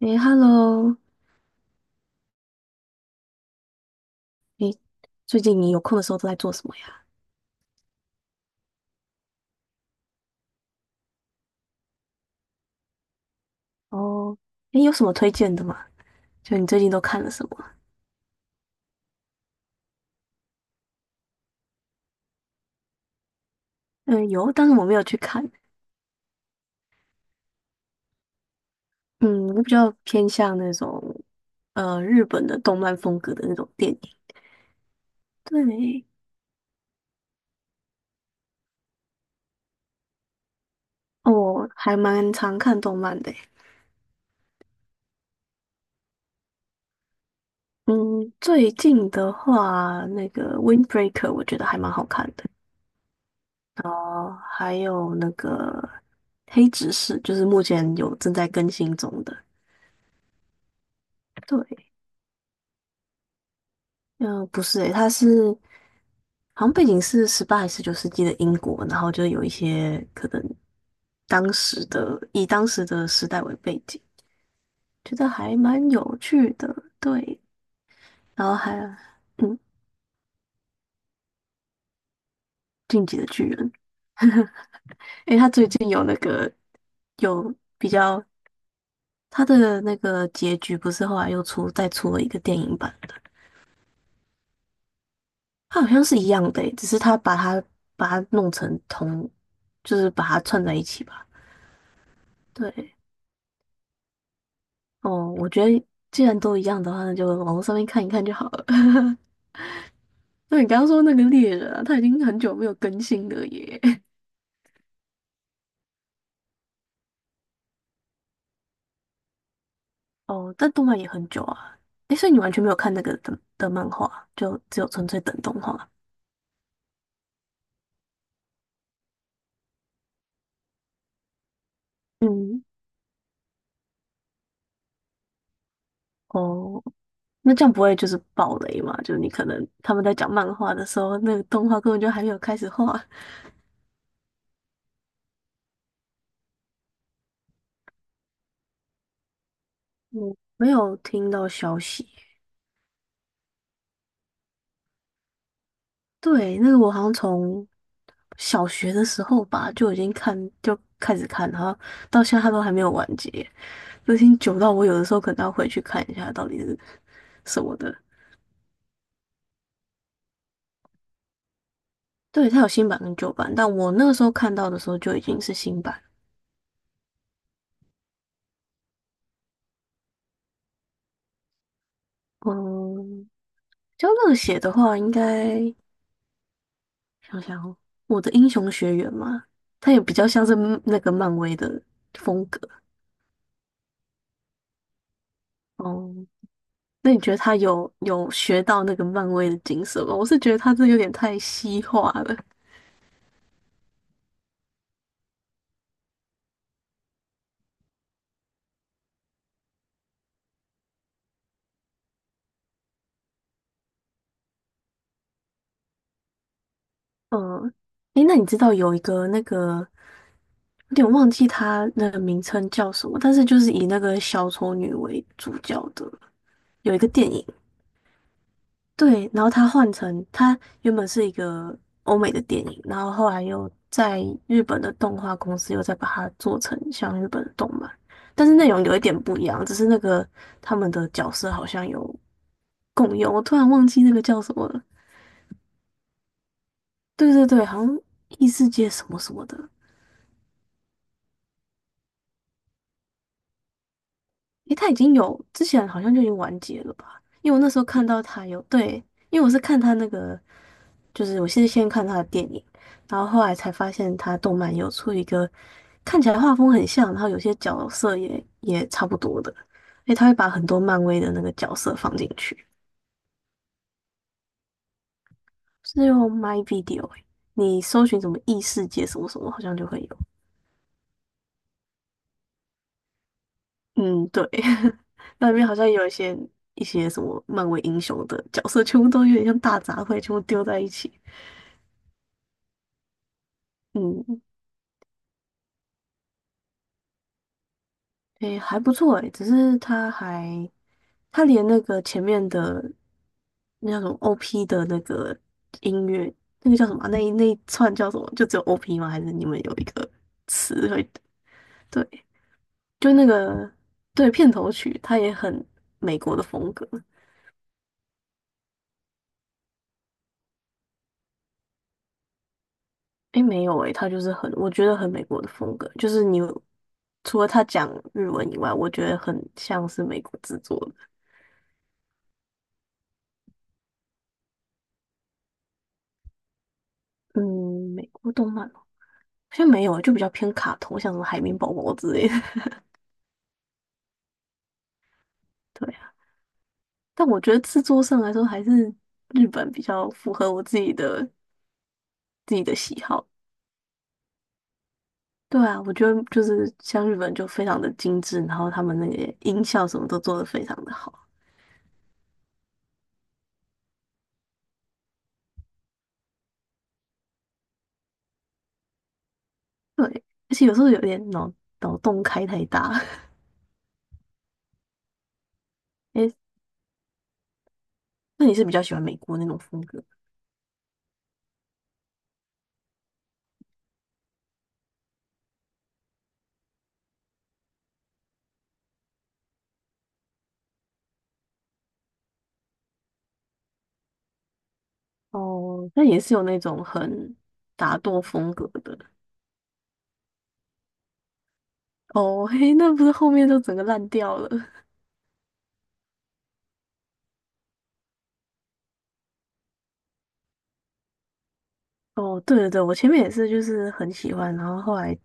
诶 h e l l o 诶，最近你有空的时候都在做什么呀？哦，诶，有什么推荐的吗？就你最近都看了什么？嗯，有，但是我没有去看。嗯，我比较偏向那种日本的动漫风格的那种电影。对，哦我还蛮常看动漫的诶。嗯，最近的话，那个《Windbreaker》我觉得还蛮好看的。哦，还有那个《黑执事》，就是目前有正在更新中的。对，嗯、不是诶，它是好像背景是十八还是十九世纪的英国，然后就有一些可能当时的时代为背景，觉得还蛮有趣的。对，然后还嗯，《进击的巨人》，诶，他最近有那个有比较他的那个结局，不是后来又出了一个电影版的，他好像是一样的诶，只是他把它弄成同，就是把它串在一起吧。对，哦，我觉得既然都一样的话，那就网络上面看一看就好了。那你刚刚说那个猎人啊，他已经很久没有更新了耶。哦，但动漫也很久啊。诶，所以你完全没有看那个的漫画，就只有纯粹等动画。嗯，哦，那这样不会就是暴雷嘛？就是你可能他们在讲漫画的时候，那个动画根本就还没有开始画。嗯，没有听到消息。对，那个我好像从小学的时候吧就已经看，就开始看，然后到现在它都还没有完结，就已经久到我有的时候可能要回去看一下到底是什么的。对，它有新版跟旧版，但我那个时候看到的时候就已经是新版。嗯，比较热血的话，应该想想哦我的英雄学员嘛，它也比较像是那个漫威的风格。哦、那你觉得他有学到那个漫威的精神吗？我是觉得他这有点太西化了。嗯，诶，那你知道有一个那个，有点忘记他那个名称叫什么，但是就是以那个小丑女为主角的，有一个电影，对，然后他换成他原本是一个欧美的电影，然后后来又在日本的动画公司又再把它做成像日本的动漫，但是内容有一点不一样，只是那个他们的角色好像有共油，我突然忘记那个叫什么了。对对对，好像异世界什么什么的。诶，它已经有，之前好像就已经完结了吧？因为我那时候看到它有，对，因为我是看它那个，就是我是先看它的电影，然后后来才发现它动漫有出一个看起来画风很像，然后有些角色也差不多的。诶，它会把很多漫威的那个角色放进去，是用 My Video，诶你搜寻什么异世界什么什么，好像就会有。嗯，对，那里面好像有一些什么漫威英雄的角色，全部都有点像大杂烩，全部丢在一起。嗯，诶，还不错诶，只是他还他连那个前面的那种 OP 的那个音乐，那个叫什么啊那一串叫什么？就只有 OP 吗？还是你们有一个词会？对，就那个对片头曲，它也很美国的风格。诶，没有诶，他就是很，我觉得很美国的风格，就是你除了他讲日文以外，我觉得很像是美国制作的。嗯，美国动漫哦，好像没有，就比较偏卡通，像什么海绵宝宝之类的。对啊，但我觉得制作上来说，还是日本比较符合我自己的喜好。对啊，我觉得就是像日本就非常的精致，然后他们那个音效什么都做得非常的好。对，而且有时候有点脑洞开太大。诶那你是比较喜欢美国那种风格哦？那也是有那种很打斗风格的哦。嘿，那不是后面就整个烂掉了？哦，对对对，我前面也是，就是很喜欢，然后后来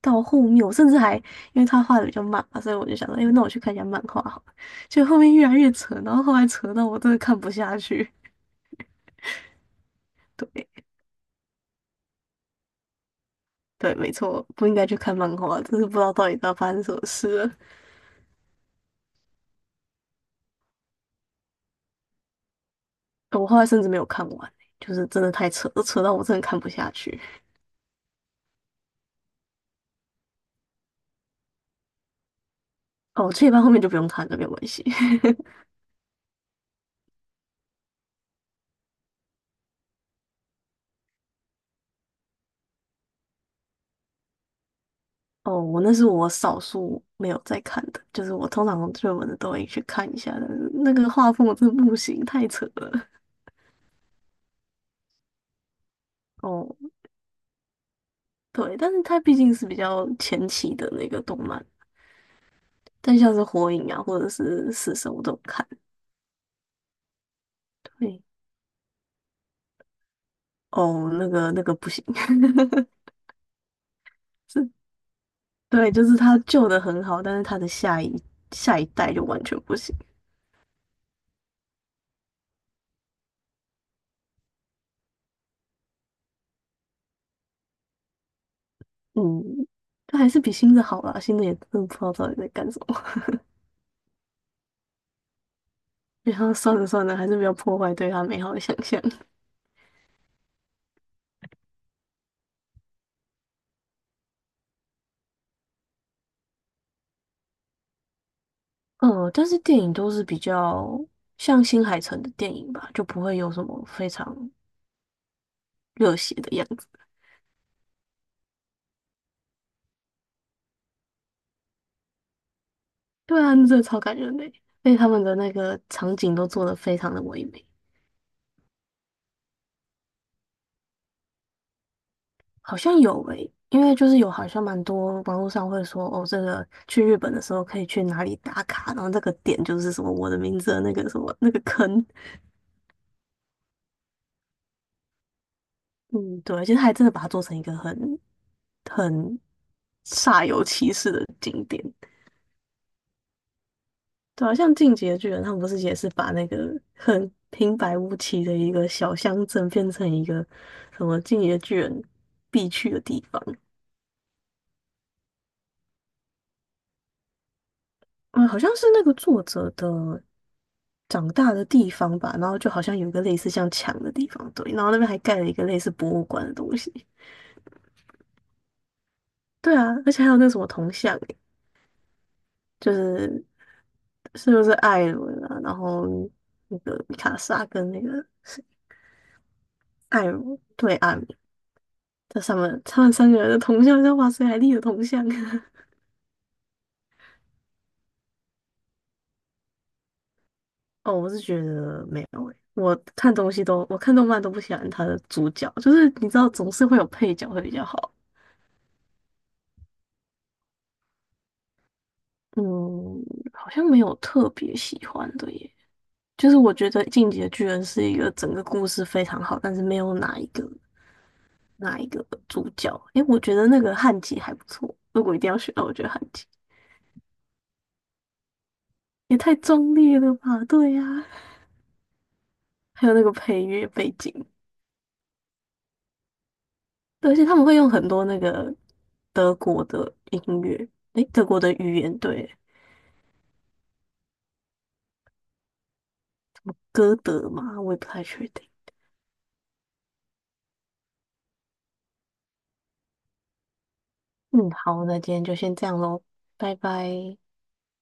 到后面，我甚至还因为他画的比较慢嘛，所以我就想说，哎，那我去看一下漫画好了。就后面越来越扯，然后后来扯到我真的看不下去。对对，没错，不应该去看漫画，真是不知道到底在发生什么事了。我后来甚至没有看完欸，就是真的太扯了，扯到我真的看不下去。哦，这一半后面就不用看了，没有关系。哦，我那是我少数没有在看的，就是我通常追文的都会去看一下的，那个画风我真的不行，太扯了。哦，对，但是它毕竟是比较前期的那个动漫，但像是火影啊或者是死神我都有看。对，哦，那个不行，是，对，就是它旧的很好，但是它的下一代就完全不行。嗯，它还是比新的好啦，新的也真的不知道到底在干什么。然后算了算了，还是不要破坏对他美好的想象。嗯，但是电影都是比较像新海诚的电影吧，就不会有什么非常热血的样子。对啊，那真的超感人的欸，而且他们的那个场景都做得非常的唯美。好像有诶，因为就是有好像蛮多网络上会说哦，这个去日本的时候可以去哪里打卡，然后这个点就是什么我的名字的那个什么那个坑。嗯，对，其实还真的把它做成一个很很煞有其事的景点。对啊，像《进击的巨人》，他们不是也是把那个很平白无奇的一个小乡镇变成一个什么《进击的巨人》必去的地方？嗯，好像是那个作者的长大的地方吧，然后就好像有一个类似像墙的地方，对，然后那边还盖了一个类似博物馆的东西。对啊，而且还有那什么铜像欸，就是是不是艾伦啊？然后那个米卡莎跟那个谁艾荣对艾这他们三个人的铜像像瓦斯莱立的铜像。哦，我是觉得没有诶、我看动漫都不喜欢他的主角，就是你知道总是会有配角会比较好。嗯，好像没有特别喜欢的耶。就是我觉得《进击的巨人》是一个整个故事非常好，但是没有哪一个哪一个主角。诶，我觉得那个汉吉还不错。如果一定要选的话，那我觉得汉吉。也太壮烈了吧？对呀、还有那个配乐背景，对而且他们会用很多那个德国的音乐，诶，德国的语言，对，歌德嘛，我也不太确定。嗯，好，那今天就先这样喽，拜拜。